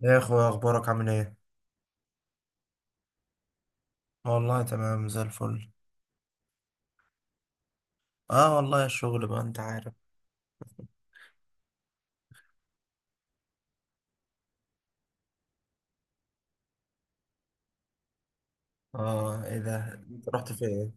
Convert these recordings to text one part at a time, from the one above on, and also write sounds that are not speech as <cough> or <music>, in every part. يا اخويا، اخبارك عامل ايه؟ والله تمام زي الفل. اه والله الشغل بقى، انت عارف. اه، ايه ده؟ انت رحت فين؟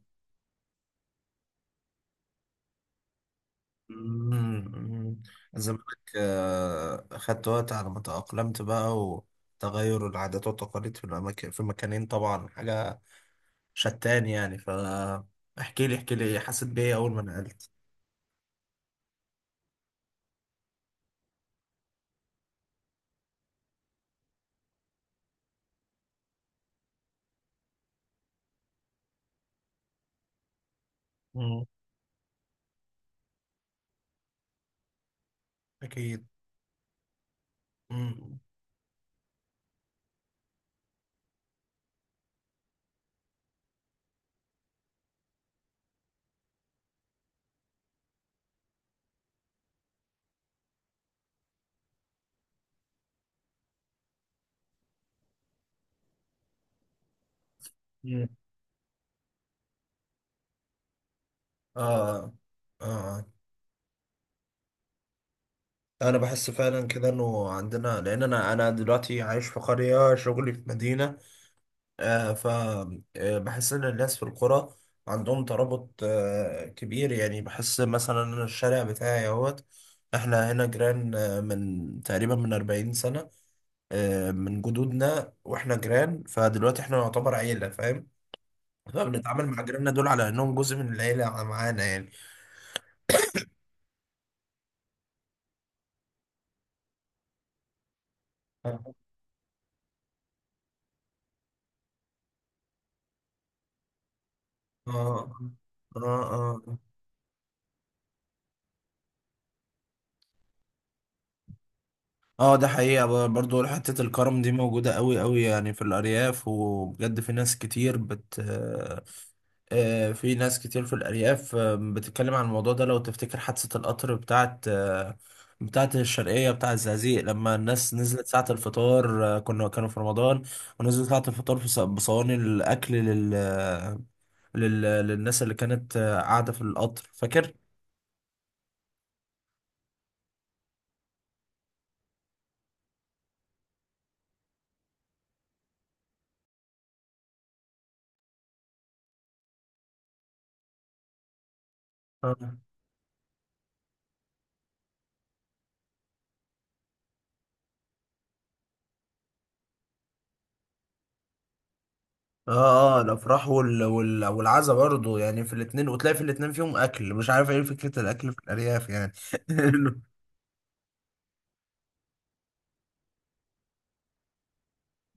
مم. زمانك خدت وقت على ما تأقلمت بقى، وتغير العادات والتقاليد في المكانين، طبعا حاجة شتان يعني. فاحكي لي احكي لي ايه، حسيت بايه اول ما نقلت؟ مم. اكيد. مم، مم. اه، اه. انا بحس فعلا كده انه عندنا، لان انا دلوقتي عايش في قريه، شغلي في مدينه. آه ف بحس ان الناس في القرى عندهم ترابط كبير، يعني بحس مثلا أنا الشارع بتاعي اهوت. احنا هنا جيران، من تقريبا 40 سنه، من جدودنا واحنا جيران، فدلوقتي احنا نعتبر عيله، فاهم؟ فبنتعامل مع جيراننا دول على انهم جزء من العيله معانا، يعني. اه، اه. آه. آه. اه، ده حقيقة، برضو حتة الكرم دي موجودة قوي قوي، يعني في الأرياف، وبجد في ناس كتير بت آه، في ناس كتير في الأرياف، بتتكلم عن الموضوع ده. لو تفتكر حادثة القطر بتاعت، بتاعت الشرقية، بتاع الزقازيق، لما الناس نزلت ساعة الفطار، كانوا في رمضان، ونزلوا ساعة الفطار بصواني الأكل لل... للناس اللي كانت، قاعدة في القطر، فاكر؟ آه. اه، اه، الافراح والعزا برضه، يعني في الاتنين، وتلاقي في الاتنين فيهم اكل، مش عارف، ايه فكرة الاكل في الارياف يعني. <laughs>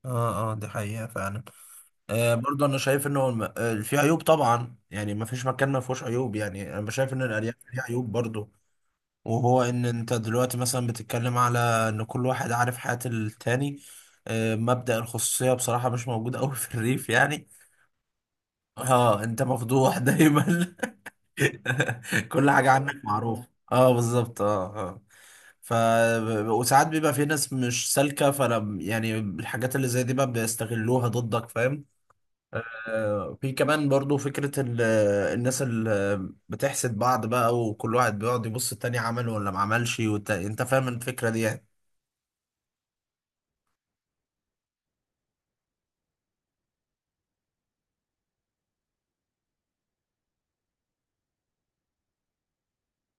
اه، اه، دي حقيقة فعلا. برضه انا شايف انه الم... آه في عيوب طبعا، يعني ما فيش مكان ما فيهوش عيوب، يعني انا شايف ان الارياف فيها عيوب برضه. وهو ان انت دلوقتي مثلا بتتكلم على ان كل واحد عارف حياة التاني. مبدأ الخصوصية بصراحة مش موجود قوي في الريف، يعني. اه، انت مفضوح دايما. <laughs> <laughs> كل حاجة عنك معروفة. اه، بالظبط، اه، اه. ف وساعات بيبقى في ناس مش سالكة، فلا يعني الحاجات اللي زي دي بقى بيستغلوها ضدك، فاهم؟ في كمان برضو فكرة الناس اللي بتحسد بعض بقى، وكل واحد بيقعد يبص التاني عمل ولا ما عملش، انت فاهم الفكرة دي، يعني.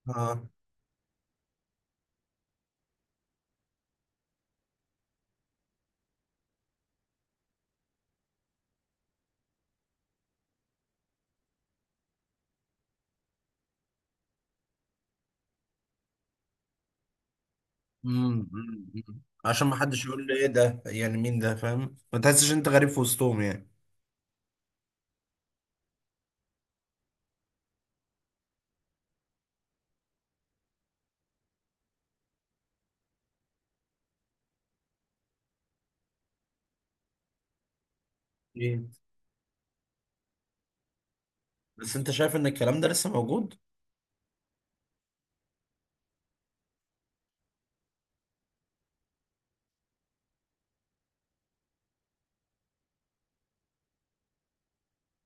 اه. مم، مم، مم. عشان ما حدش يقول لي ايه ده، يعني مين ده، فاهم؟ ما تحسش انت غريب في وسطهم، يعني. إيه. بس انت شايف ان الكلام ده لسه موجود؟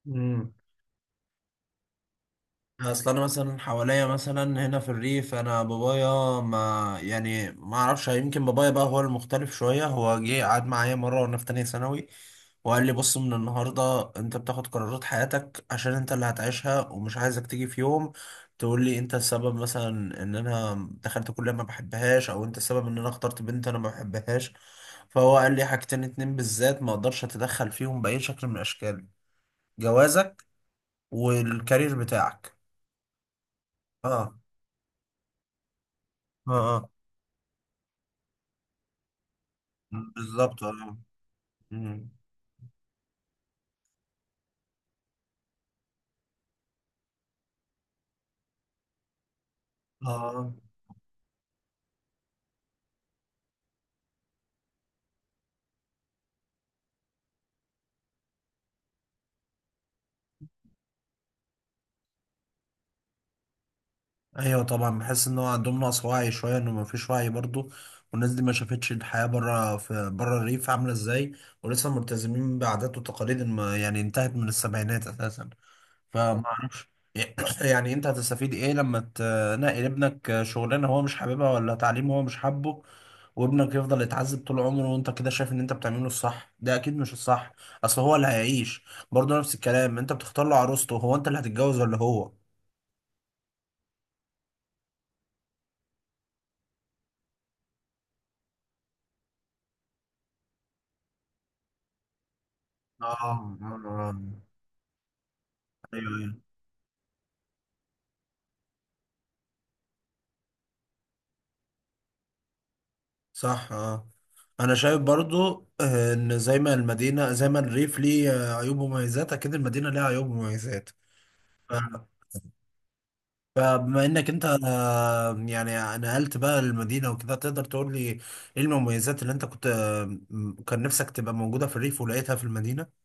مم. اصل انا مثلا حواليا، مثلا هنا في الريف، انا بابايا ما يعني، ما اعرفش، يمكن بابايا بقى هو المختلف شويه. هو جه قعد معايا مره وانا في تانية ثانوي، وقال لي: بص، من النهارده انت بتاخد قرارات حياتك، عشان انت اللي هتعيشها، ومش عايزك تيجي في يوم تقول لي انت السبب مثلا، ان انا دخلت كليه ما بحبهاش، او انت السبب ان انا اخترت بنت انا ما بحبهاش. فهو قال لي حاجتين اتنين بالذات ما اقدرش اتدخل فيهم باي شكل من الاشكال: جوازك والكارير بتاعك. اه، اه، اه، بالظبط، اه. مم. اه، ايوه طبعا، بحس ان هو عندهم نقص وعي شويه، انه ما فيش وعي برضو. والناس دي ما شافتش الحياه بره، في بره الريف عامله ازاي. ولسه ملتزمين بعادات وتقاليد يعني انتهت من السبعينات اساسا. فما اعرفش، <coughs> <clears throat> يعني انت هتستفيد ايه لما تنقل ابنك شغلانه هو مش حاببها، ولا تعليم هو مش حابه؟ وابنك يفضل يتعذب طول عمره، وانت كده شايف ان انت بتعمله الصح؟ ده اكيد مش الصح. اصل هو اللي هيعيش. برضه نفس الكلام، انت بتختار له عروسته، هو انت اللي هتتجوز ولا هو؟ اه، آه، آه. ايوه، أيوة. صح، اه. انا شايف برضو، ان زي ما المدينه، زي ما الريف ليه عيوب ومميزات، اكيد المدينه ليها عيوب ومميزات. ف- فبما انك انت يعني، نقلت بقى المدينه وكده، تقدر تقول لي ايه المميزات اللي انت كنت، كان نفسك تبقى موجوده في الريف ولقيتها في المدينه؟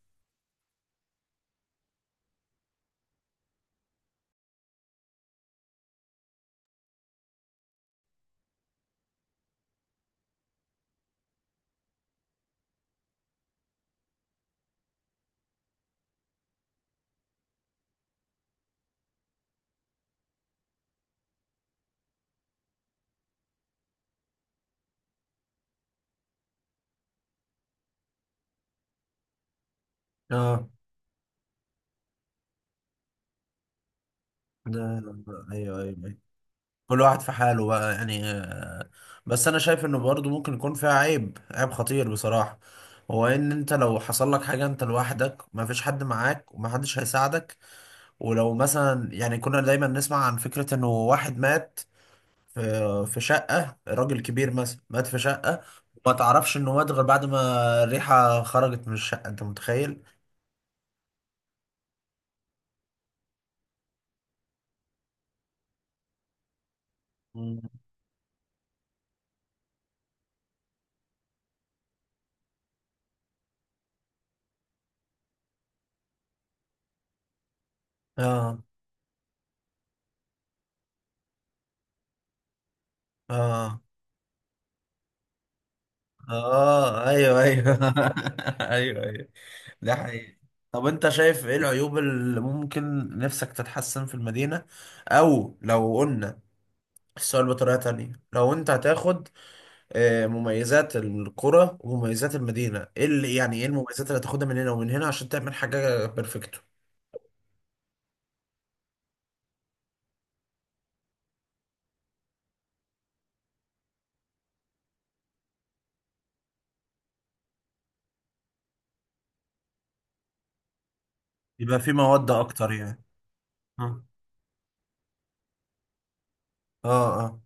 اه. ده. ايوه، ايوه، ايوه، كل واحد في حاله بقى، يعني. بس انا شايف انه برضه ممكن يكون فيها عيب، عيب خطير بصراحة. هو ان انت لو حصل لك حاجة انت لوحدك، ما فيش حد معاك، وما حدش هيساعدك. ولو مثلا، يعني كنا دايما نسمع عن فكرة انه واحد مات في في شقة، راجل كبير مثلا مات في شقة، وما تعرفش انه مات غير بعد ما الريحة خرجت من الشقة. انت متخيل؟ مم. اه، اه، اه، ايوه، ايوه. <laughs> ايوه، ايوه. ده حقيقي. طب انت شايف ايه العيوب اللي ممكن نفسك تتحسن في المدينة؟ او لو قلنا السؤال بطريقة تانية، لو انت هتاخد مميزات القرى ومميزات المدينة، ايه اللي يعني، ايه المميزات اللي هتاخدها من هنا ومن هنا عشان تعمل حاجة بيرفكتو؟ يبقى في مواد اكتر، يعني. اه، اه.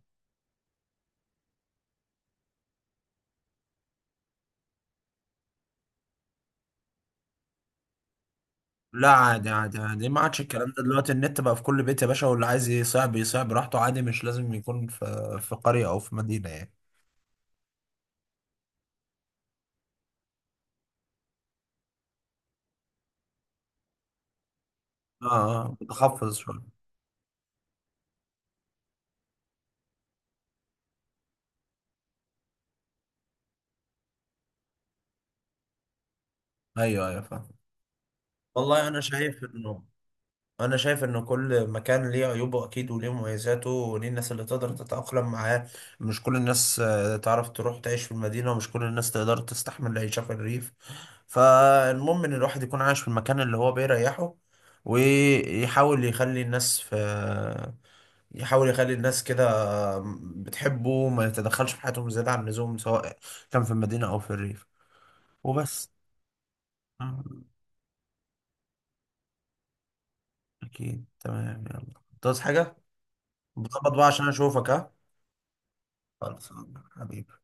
لا، عادي عادي عادي، ما عادش الكلام ده دلوقتي، النت بقى في كل بيت يا باشا، واللي عايز يصيع بيصيع براحته عادي، مش لازم يكون في قرية أو في مدينة، يعني. اه، اه، متخصص شوية. أيوه، أيوه، فاهم. والله أنا شايف إنه انا شايف ان كل مكان ليه عيوبه اكيد، وليه مميزاته، وليه الناس اللي تقدر تتأقلم معاه. مش كل الناس تعرف تروح تعيش في المدينة، ومش كل الناس تقدر تستحمل العيشة في الريف. فالمهم ان الواحد يكون عايش في المكان اللي هو بيريحه، ويحاول يخلي الناس في يحاول يخلي الناس كده، بتحبه، ما يتدخلش في حياتهم زيادة عن اللزوم، سواء كان في المدينة او في الريف. وبس. آه، اكيد، تمام، يلا، تعوز حاجة؟ بظبط بقى، عشان اشوفك، ها. خلصان حبيبي.